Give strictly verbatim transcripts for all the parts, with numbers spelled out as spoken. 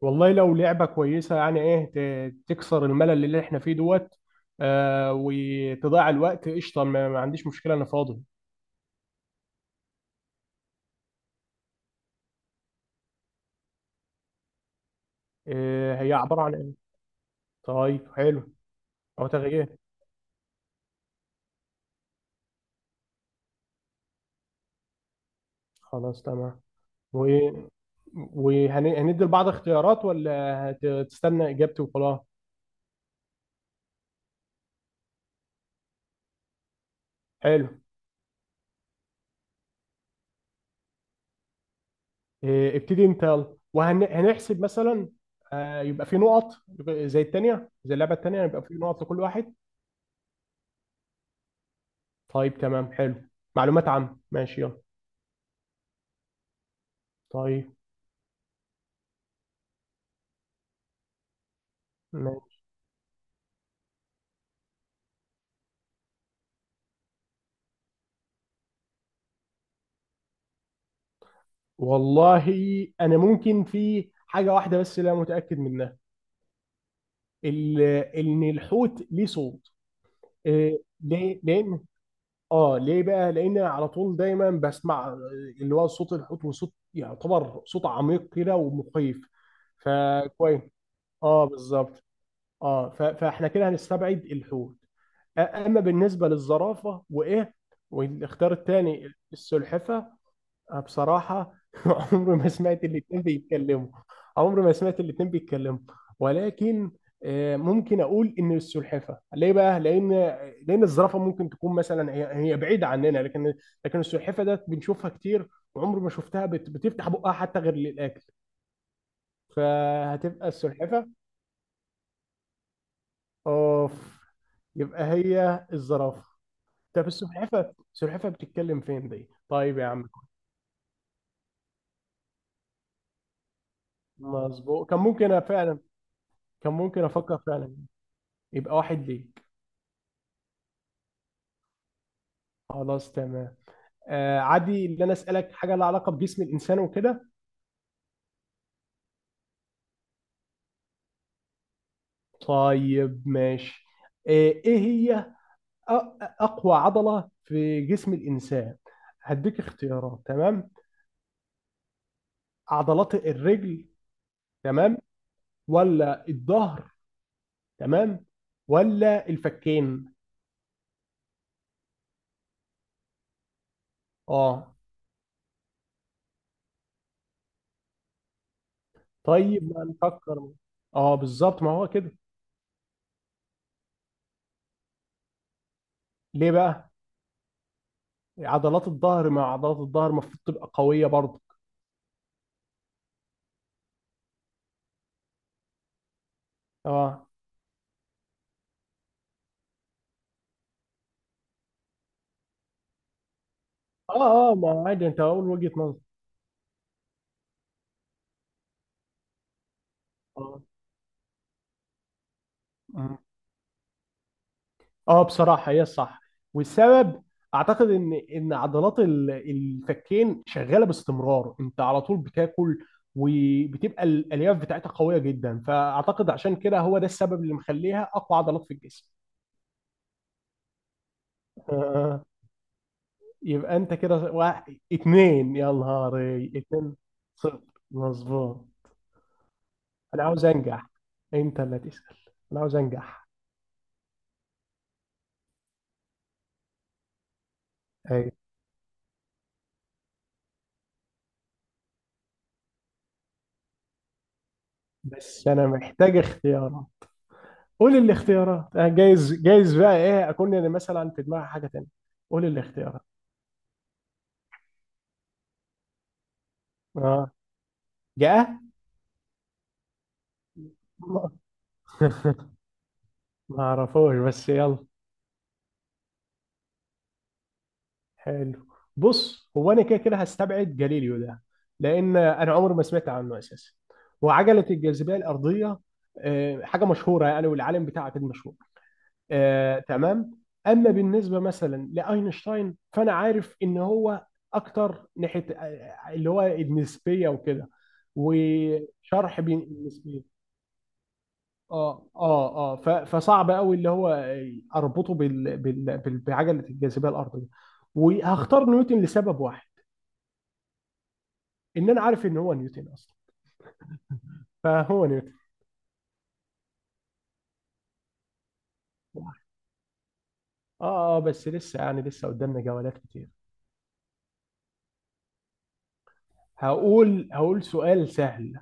والله لو لعبة كويسة يعني ايه ت- تكسر الملل اللي احنا فيه دوت. آه وتضيع الوقت قشطة، ما ما عنديش مشكلة، انا فاضي. آه، هي عبارة عن ايه؟ طيب حلو. او تغيير. خلاص تمام. و وهندي لبعض اختيارات ولا هتستنى اجابتي وخلاص؟ حلو. آه، ابتدي انت يلا وهنحسب مثلا. آه، يبقى في نقط. يبقى زي التانية، زي اللعبة التانية، يبقى في نقط لكل واحد. طيب تمام حلو. معلومات عامة، ماشي يلا. طيب. والله انا ممكن في حاجه واحده بس لا متاكد منها. ال- ان الحوت ليه صوت. إيه، ليه؟ لان اه ليه بقى، لان على طول دايما بسمع، آه، اللي هو صوت الحوت، وصوت يعتبر صوت عميق كده ومخيف. فكويس. اه بالظبط. اه ف- فاحنا كده هنستبعد الحوت. أ- اما بالنسبه للزرافه وايه والاختيار الثاني السلحفه، أنا بصراحة عمري ما سمعت الاتنين بيتكلموا. عمري ما سمعت الاتنين بيتكلموا ولكن، آه، ممكن أقول إن السلحفة ليه بقى؟ لأن، لأن الزرافة ممكن تكون مثلا هي هي بعيدة عننا، لكن، لكن السلحفة ده بنشوفها كتير، وعمري ما شفتها بت- بتفتح بقها حتى غير للأكل، فهتبقى السلحفة. أوف. يبقى هي الزرافة. طب السلحفة السلحفة بتتكلم فين دي؟ طيب يا عم. مظبوط، كان ممكن أ- فعلا، كان ممكن أفكر فعلا. يبقى واحد ليك. خلاص تمام. آه عادي، اللي انا اسالك حاجه لها علاقه بجسم الانسان وكده. طيب ماشي. آه ايه هي أ- اقوى عضله في جسم الانسان؟ هديك اختيارات تمام. عضلات الرجل، تمام، ولا الظهر، تمام، ولا الفكين؟ اه. طيب ما نفكر. اه بالظبط، ما هو كده. ليه بقى؟ عضلات الظهر، مع عضلات الظهر المفروض تبقى قويه برضه. اه اه اه، ما هو عادي، انت اقول وجهة نظر. اه اه. آه، بصراحة هي الصح. والسبب، اعتقد ان ان عضلات ال- الفكين شغالة باستمرار، انت على طول بتاكل، وبتبقى الالياف بتاعتها قوية جدا، فاعتقد عشان كده هو ده السبب اللي مخليها اقوى عضلات في الجسم. آه. يبقى انت كده واحد اتنين، يا نهاري اتنين صفر. مظبوط. انا عاوز انجح، انت اللي تسأل. انا عاوز انجح. ايوه. بس انا محتاج اختيارات، قول الاختيارات. آه، جايز، جايز بقى ايه اكون انا مثلا في دماغي حاجه تانية. قول الاختيارات. اه. جاء. ما اعرفوش بس يلا. حلو. بص، هو انا كده كده هستبعد جاليليو ده، لان انا عمري ما سمعت عنه اساسا. وعجله الجاذبيه الارضيه، آه، حاجه مشهوره يعني، والعالم بتاعها كان مشهور. آه تمام. اما بالنسبه مثلا لاينشتاين فانا عارف ان هو اكتر ناحيه، آه، آه، اللي هو النسبيه وكده، وشرح بين النسبيه. اه اه اه ف- فصعب قوي اللي هو اربطه بال بال بال- بعجله الجاذبيه الارضيه. وهختار نيوتن لسبب واحد، ان انا عارف ان هو نيوتن اصلا. فهو نيوتن. اه اه، بس لسه يعني لسه قدامنا جولات كتير. هقول هقول سؤال سهل.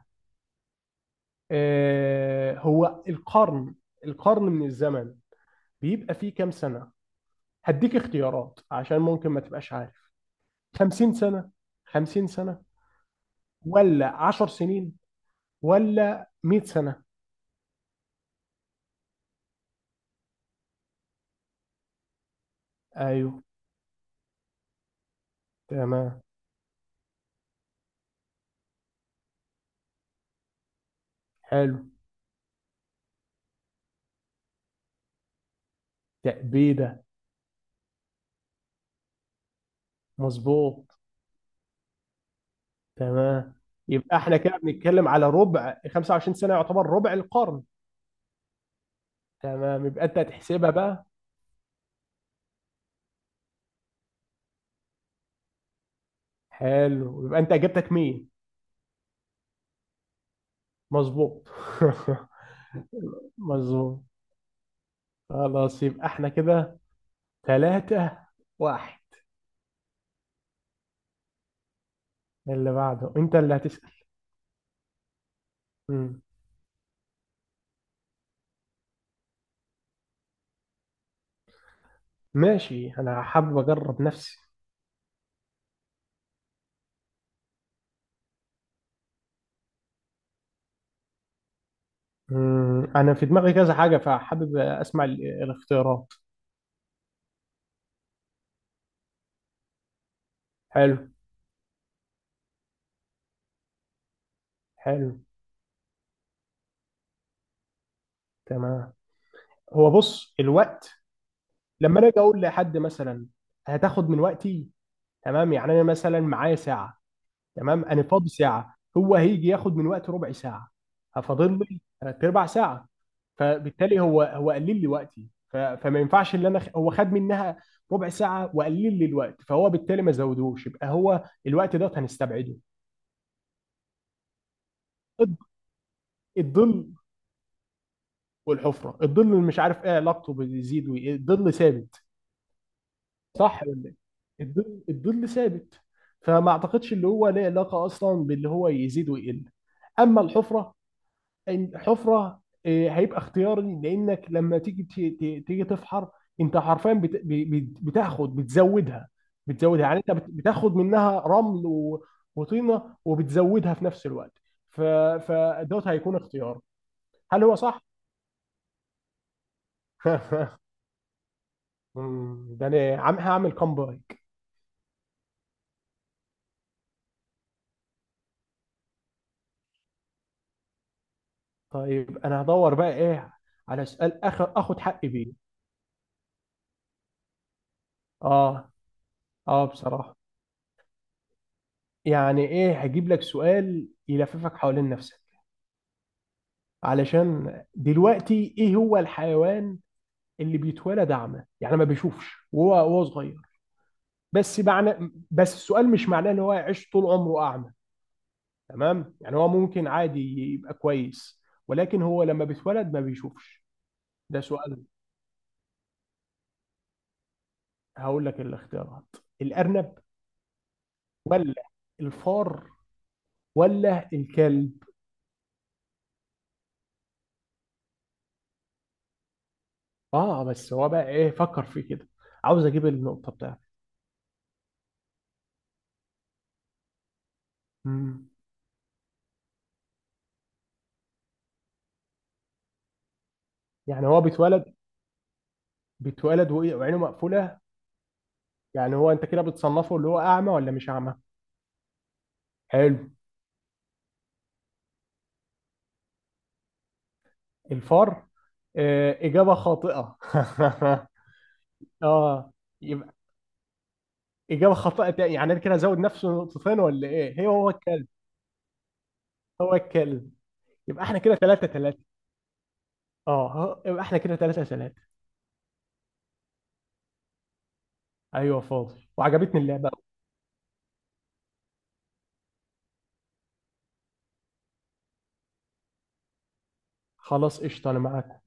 آه، هو القرن، القرن من الزمن، بيبقى فيه كام سنة؟ هديك اختيارات عشان ممكن ما تبقاش عارف. خمسين سنة، خمسين سنة، ولا عشر سنين، ولا مئة سنة؟ ايوه. تمام. حلو. تأبيدة. مظبوط. تمام، يبقى احنا كده بنتكلم على ربع، خمسة وعشرين سنة يعتبر ربع القرن. تمام، يبقى انت هتحسبها بقى. حلو، يبقى انت اجابتك مين؟ مظبوط. مظبوط. خلاص يبقى احنا كده ثلاثة واحد. اللي بعده انت اللي هتسأل. مم. ماشي، انا حابب اجرب نفسي. مم. انا في دماغي كذا حاجة، فحابب اسمع ال- الاختيارات. حلو. حلو. تمام. هو بص الوقت، لما انا اجي اقول لحد مثلا هتاخد من وقتي، تمام. يعني انا مثلا معايا ساعة، تمام، انا فاضي ساعه، هو هيجي ياخد من وقتي ربع ساعه، هفاضل لي تلات ارباع ساعه. فبالتالي هو هو قلل لي وقتي، ف- فما ينفعش ان انا خ- هو خد منها ربع ساعه وقلل لي الوقت، فهو بالتالي ما زودهوش، يبقى هو الوقت ده هنستبعده. الض- الظل والحفره. الظل اللي مش عارف ايه علاقته بيزيد وإيه. الظل ثابت، صح ولا إيه؟ الظل الظل ثابت، فما اعتقدش اللي هو له علاقه اصلا باللي هو يزيد ويقل. اما الحفره، الحفره، آه، هيبقى اختياري، لانك لما تيجي ت- ت- تيجي تفحر، انت حرفيا بت- ب- ب- بتاخد، بتزودها. بتزودها، يعني انت بت- بتاخد منها رمل و- وطينه، وبتزودها في نفس الوقت. ف- فدوت هيكون اختيار. هل هو صح؟ مم، ده انا عم هعمل كومبايك. طيب انا هدور بقى ايه على سؤال اخر اخد حقي بيه. اه اه بصراحه. يعني ايه، هجيب لك سؤال يلففك حوالين نفسك. علشان دلوقتي ايه هو الحيوان اللي بيتولد اعمى، يعني ما بيشوفش وهو وهو صغير. بس معنى، بس السؤال مش معناه ان هو يعيش طول عمره اعمى، تمام، يعني هو ممكن عادي، يبقى كويس، ولكن هو لما بيتولد ما بيشوفش. ده سؤال. هقول لك الاختيارات. الارنب، ولا الفار، ولا الكلب؟ اه بس هو بقى ايه، فكر في كده، عاوز اجيب النقطة بتاعتي. مم. يعني هو بيتولد؟ بيتولد وعينه مقفولة. يعني هو انت كده بتصنفه اللي هو اعمى ولا مش اعمى؟ حلو. الفار. آه اجابه خاطئه. اه. يبقى اجابه خاطئه تاني، يعني انا كده ازود نفسه نقطتين ولا ايه، هي هو الكلب؟ هو الكلب. يبقى احنا كده ثلاثة ثلاثة. اه يبقى احنا كده ثلاثة ثلاثة. ايوه فاضي، وعجبتني اللعبه. خلاص قشطه، انا معاك.